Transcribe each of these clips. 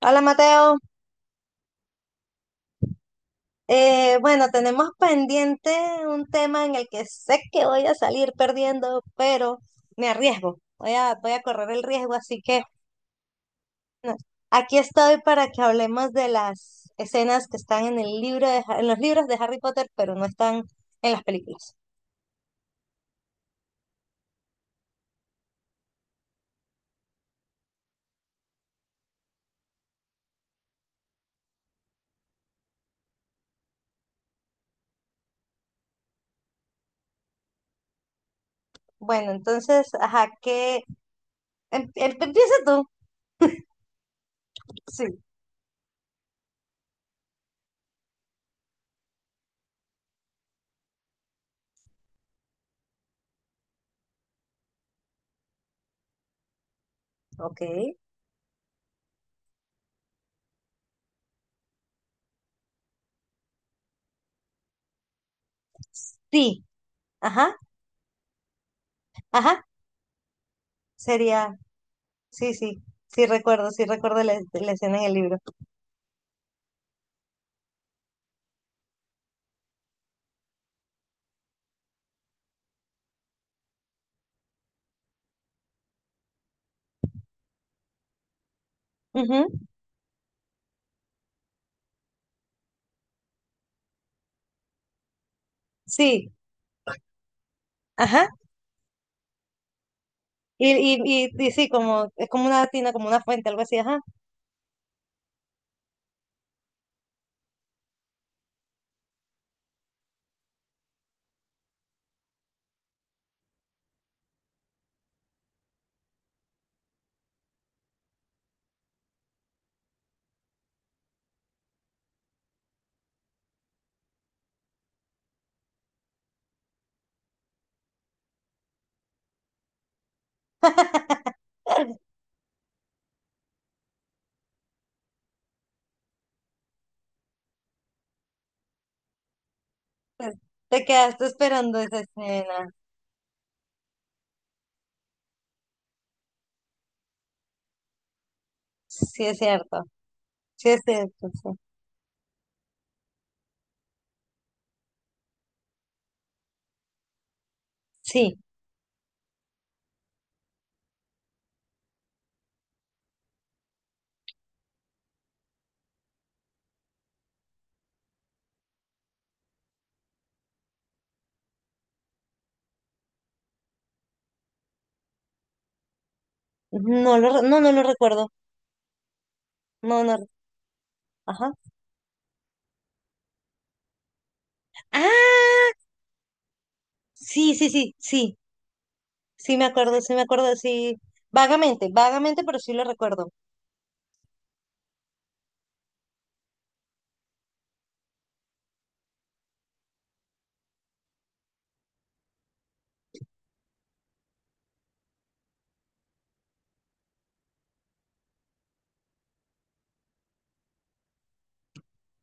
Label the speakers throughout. Speaker 1: Hola Mateo. Bueno, tenemos pendiente un tema en el que sé que voy a salir perdiendo, pero me arriesgo, voy a correr el riesgo, así que bueno, aquí estoy para que hablemos de las escenas que están en el libro de en los libros de Harry Potter, pero no están en las películas. Bueno, entonces, ajá, ¿qué? Empieza tú. Sí, ok. Sí, ajá, ajá, sería, sí, sí, sí recuerdo la escena en el libro. Sí, ajá. Y, y, y sí, como, es como una tina, como una fuente, algo así, ajá. Pues, te quedaste esperando esa escena. Sí, es cierto. Sí, es cierto. Sí. Sí. No, no lo recuerdo. No, no. Ajá. Ah, sí, sí, sí, sí. Sí me acuerdo, sí me acuerdo, sí. Vagamente, vagamente, pero sí lo recuerdo.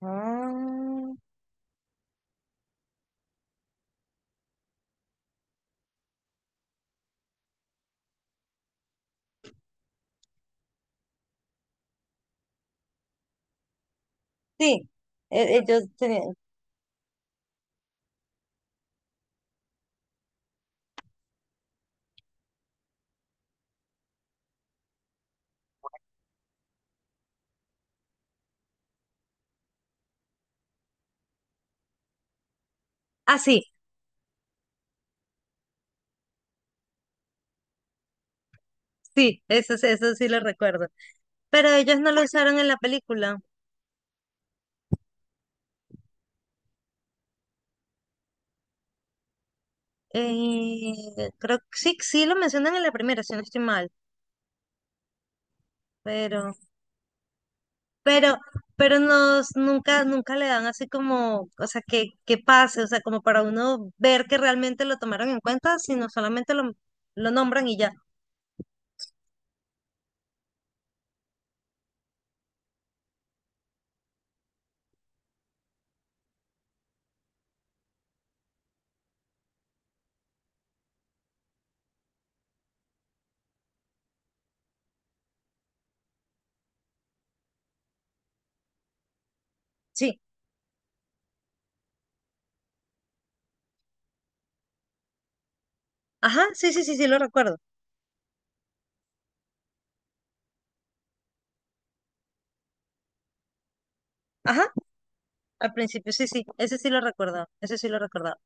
Speaker 1: Ah, sí. Ellos tenían... Ah, sí, sí, eso, eso sí lo recuerdo. Pero ellos no lo usaron en la película. Eh, creo que sí, sí lo mencionan en la primera, si no estoy mal, pero, pero, pero nos nunca, nunca le dan así como, o sea, que pase, o sea, como para uno ver que realmente lo tomaron en cuenta, sino solamente lo nombran y ya. Sí, ajá, sí, sí, sí, sí lo recuerdo. Ajá, al principio, sí, sí, ese sí lo recordaba, ese sí lo recordaba.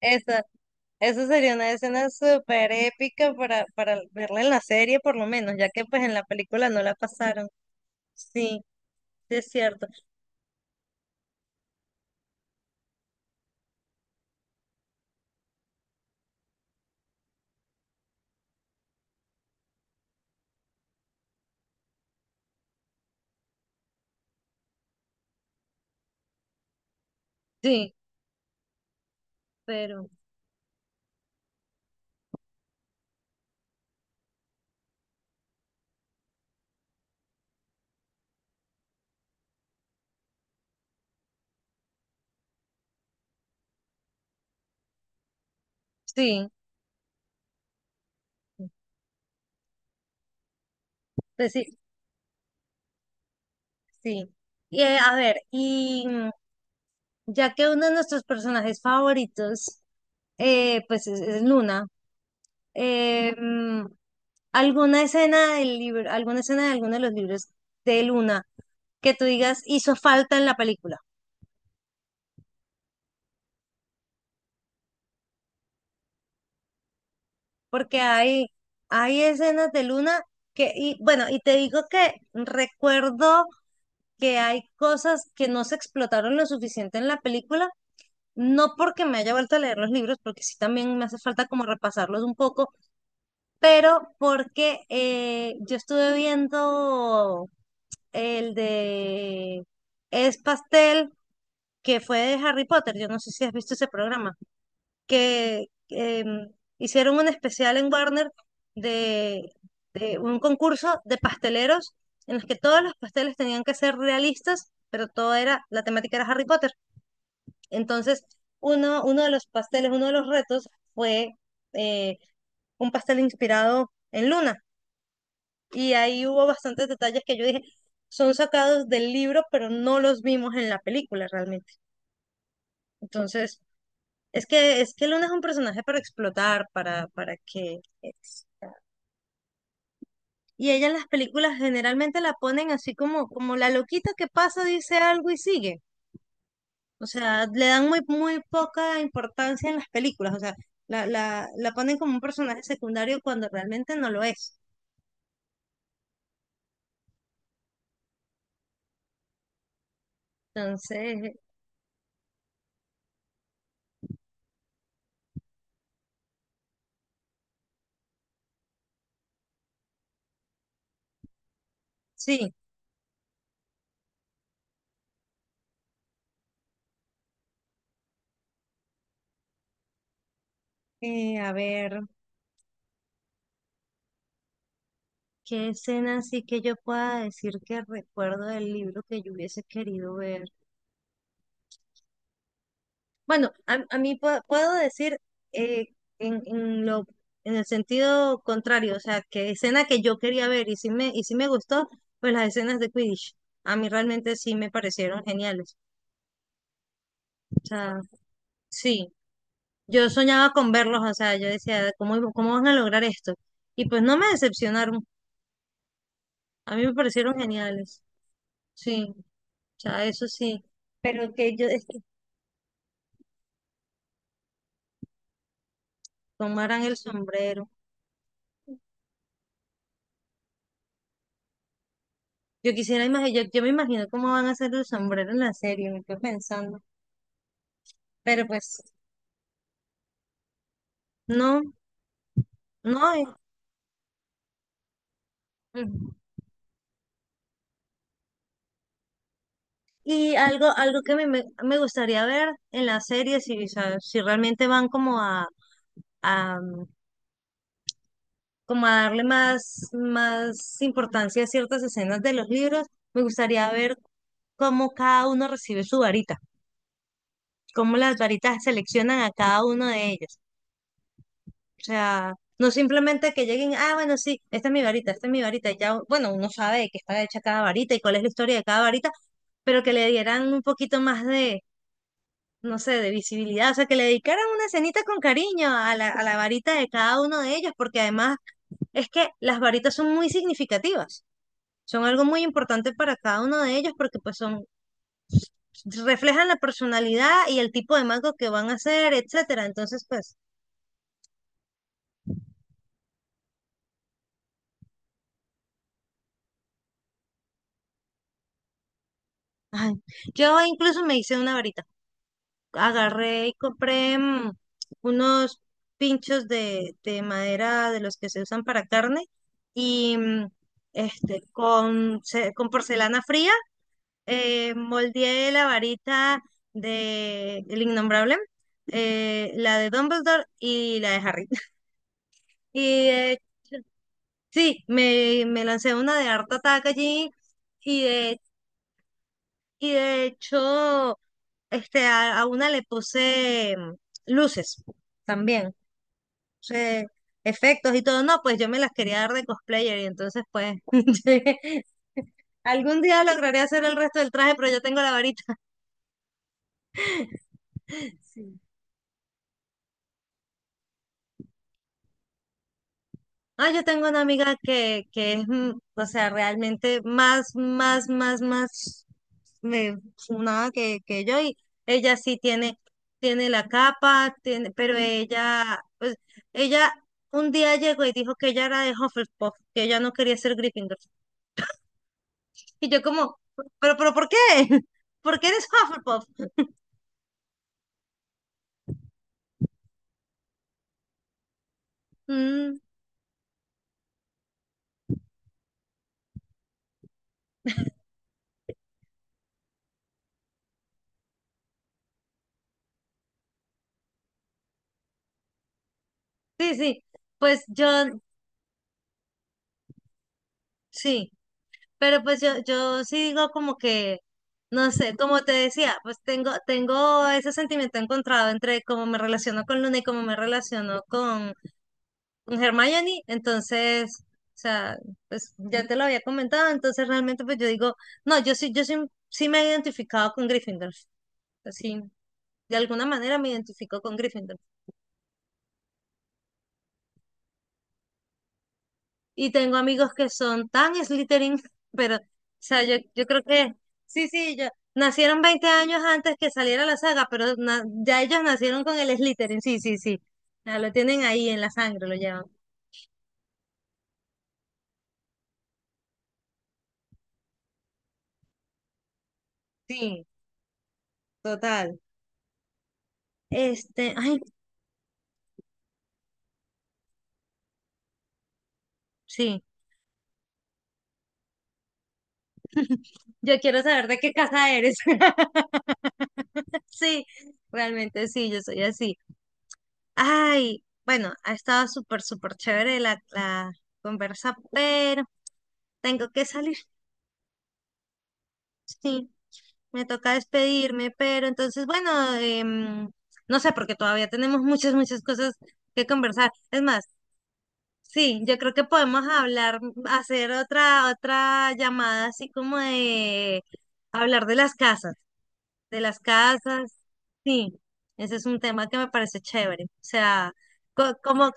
Speaker 1: Esa, eso sería una escena súper épica para verla en la serie, por lo menos, ya que pues en la película no la pasaron. Sí, sí es cierto. Sí, pero sí, pues sí, sí. Y, a ver, y mm, ya que uno de nuestros personajes favoritos, pues es Luna, mm, ¿alguna escena del libro, alguna escena de alguno de los libros de Luna que tú digas hizo falta en la película? Porque hay escenas de Luna que, y bueno, y te digo que recuerdo que hay cosas que no se explotaron lo suficiente en la película. No porque me haya vuelto a leer los libros, porque sí también me hace falta como repasarlos un poco, pero porque yo estuve viendo el de Es Pastel, que fue de Harry Potter, yo no sé si has visto ese programa, que em, hicieron un especial en Warner de, de un concurso de pasteleros en los que todos los pasteles tenían que ser realistas, pero todo era, la temática era Harry Potter. Entonces, uno, uno de los pasteles, uno de los retos fue eh, un pastel inspirado en Luna. Y ahí hubo bastantes detalles que yo dije, son sacados del libro, pero no los vimos en la película realmente. Entonces, es que Luna es un personaje para explotar, para que... es- Y ella en las películas generalmente la ponen así como, como la loquita que pasa, dice algo y sigue. O sea, le dan muy, muy poca importancia en las películas. O sea, la ponen como un personaje secundario cuando realmente no lo es. Entonces, sí. A ver, ¿qué escena sí que yo pueda decir que recuerdo del libro que yo hubiese querido ver? Bueno, a, puedo decir eh, en lo, en el sentido contrario, o sea, que escena que yo quería ver y sí me gustó, pues las escenas de Quidditch. A mí realmente sí me parecieron geniales. O sea, sí. Yo soñaba con verlos, o sea, yo decía, ¿cómo, cómo van a lograr esto? Y pues no me decepcionaron, a mí me parecieron geniales, sí, o sea, eso sí, pero que ellos es que tomaran el sombrero. Yo quisiera imaginar, yo me imagino cómo van a hacer el sombrero en la serie, me quedo pensando, pero pues no, no. Y, ujú. Y algo, algo que me gustaría ver en la serie, si, o sea, si realmente van como a, como a darle más, más importancia a ciertas escenas de los libros, me gustaría ver cómo cada uno recibe su varita, cómo las varitas seleccionan a cada uno de ellos. O sea, no simplemente que lleguen, ah, bueno, sí, esta es mi varita, esta es mi varita, y ya, bueno, uno sabe de qué está hecha cada varita y cuál es la historia de cada varita, pero que le dieran un poquito más de, no sé, de visibilidad, o sea, que le dedicaran una cenita con cariño a a la varita de cada uno de ellos, porque además es que las varitas son muy significativas. Son algo muy importante para cada uno de ellos porque pues son, reflejan la personalidad y el tipo de mango que van a hacer, etcétera. Entonces, pues, ay, yo incluso me hice una varita. Agarré y compré mm, unos pinchos de madera de los que se usan para carne y mm, este, con, con porcelana fría moldeé la varita de El Innombrable, la de Dumbledore y la de Harry. Y sí, me lancé una de harta ataque allí y de, y de hecho este, a una le puse mm, luces también, puse efectos y todo. No, pues yo me las quería dar de cosplayer y entonces pues sí, algún día lograré hacer el resto del traje, pero yo tengo la varita. Sí. Ah, yo tengo una amiga que es, mm, o sea, realmente más, más, más, más. Me, nada que, que yo, y ella sí tiene, tiene la capa, tiene, pero ella, pues, ella un día llegó y dijo que ella era de Hufflepuff, que ella no quería ser Gryffindor. Y yo como, pero, ¿por qué? ¿Por qué eres Hufflepuff? Mm, sí, sí, pues yo, sí, pero pues yo sí digo como que, no sé, como te decía, pues tengo, tengo ese sentimiento encontrado entre cómo me relaciono con Luna y cómo me relaciono con Hermione, entonces, o sea, pues ya te lo había comentado, entonces realmente pues yo digo, no, yo sí, yo sí, sí me he identificado con Gryffindor, así, de alguna manera me identifico con Gryffindor. Y tengo amigos que son tan Slytherin, pero, o sea, yo creo que, sí, sí, yo, nacieron 20 años antes que saliera la saga, pero na- ya ellos nacieron con el Slytherin, sí, sí, sí, ya lo tienen ahí en la sangre, lo llevan. Sí, total. Este, ay, sí. Yo quiero saber de qué casa eres. Sí, realmente sí, yo soy así. Ay, bueno, ha estado súper, súper chévere la conversa, pero tengo que salir. Sí, me toca despedirme, pero entonces, bueno, em, no sé, porque todavía tenemos muchas, muchas cosas que conversar. Es más, sí, yo creo que podemos hablar, hacer otra llamada así como de hablar de las casas. De las casas, sí, ese es un tema que me parece chévere. O sea, co- como,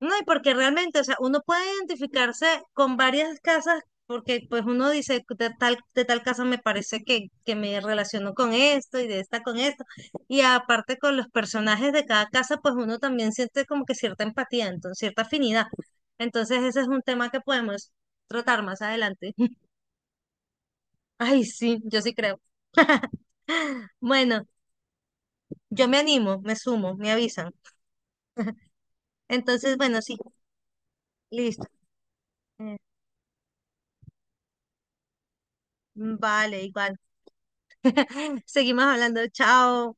Speaker 1: no, y porque realmente, o sea, uno puede identificarse con varias casas, porque pues uno dice, de tal casa me parece que me relaciono con esto y de esta con esto. Y aparte con los personajes de cada casa, pues uno también siente como que cierta empatía, entonces, cierta afinidad. Entonces, ese es un tema que podemos tratar más adelante. Ay, sí, yo sí creo. Bueno, yo me animo, me sumo, me avisan. Entonces, bueno, sí, listo. Eh, Vale, igual. Seguimos hablando. Chao.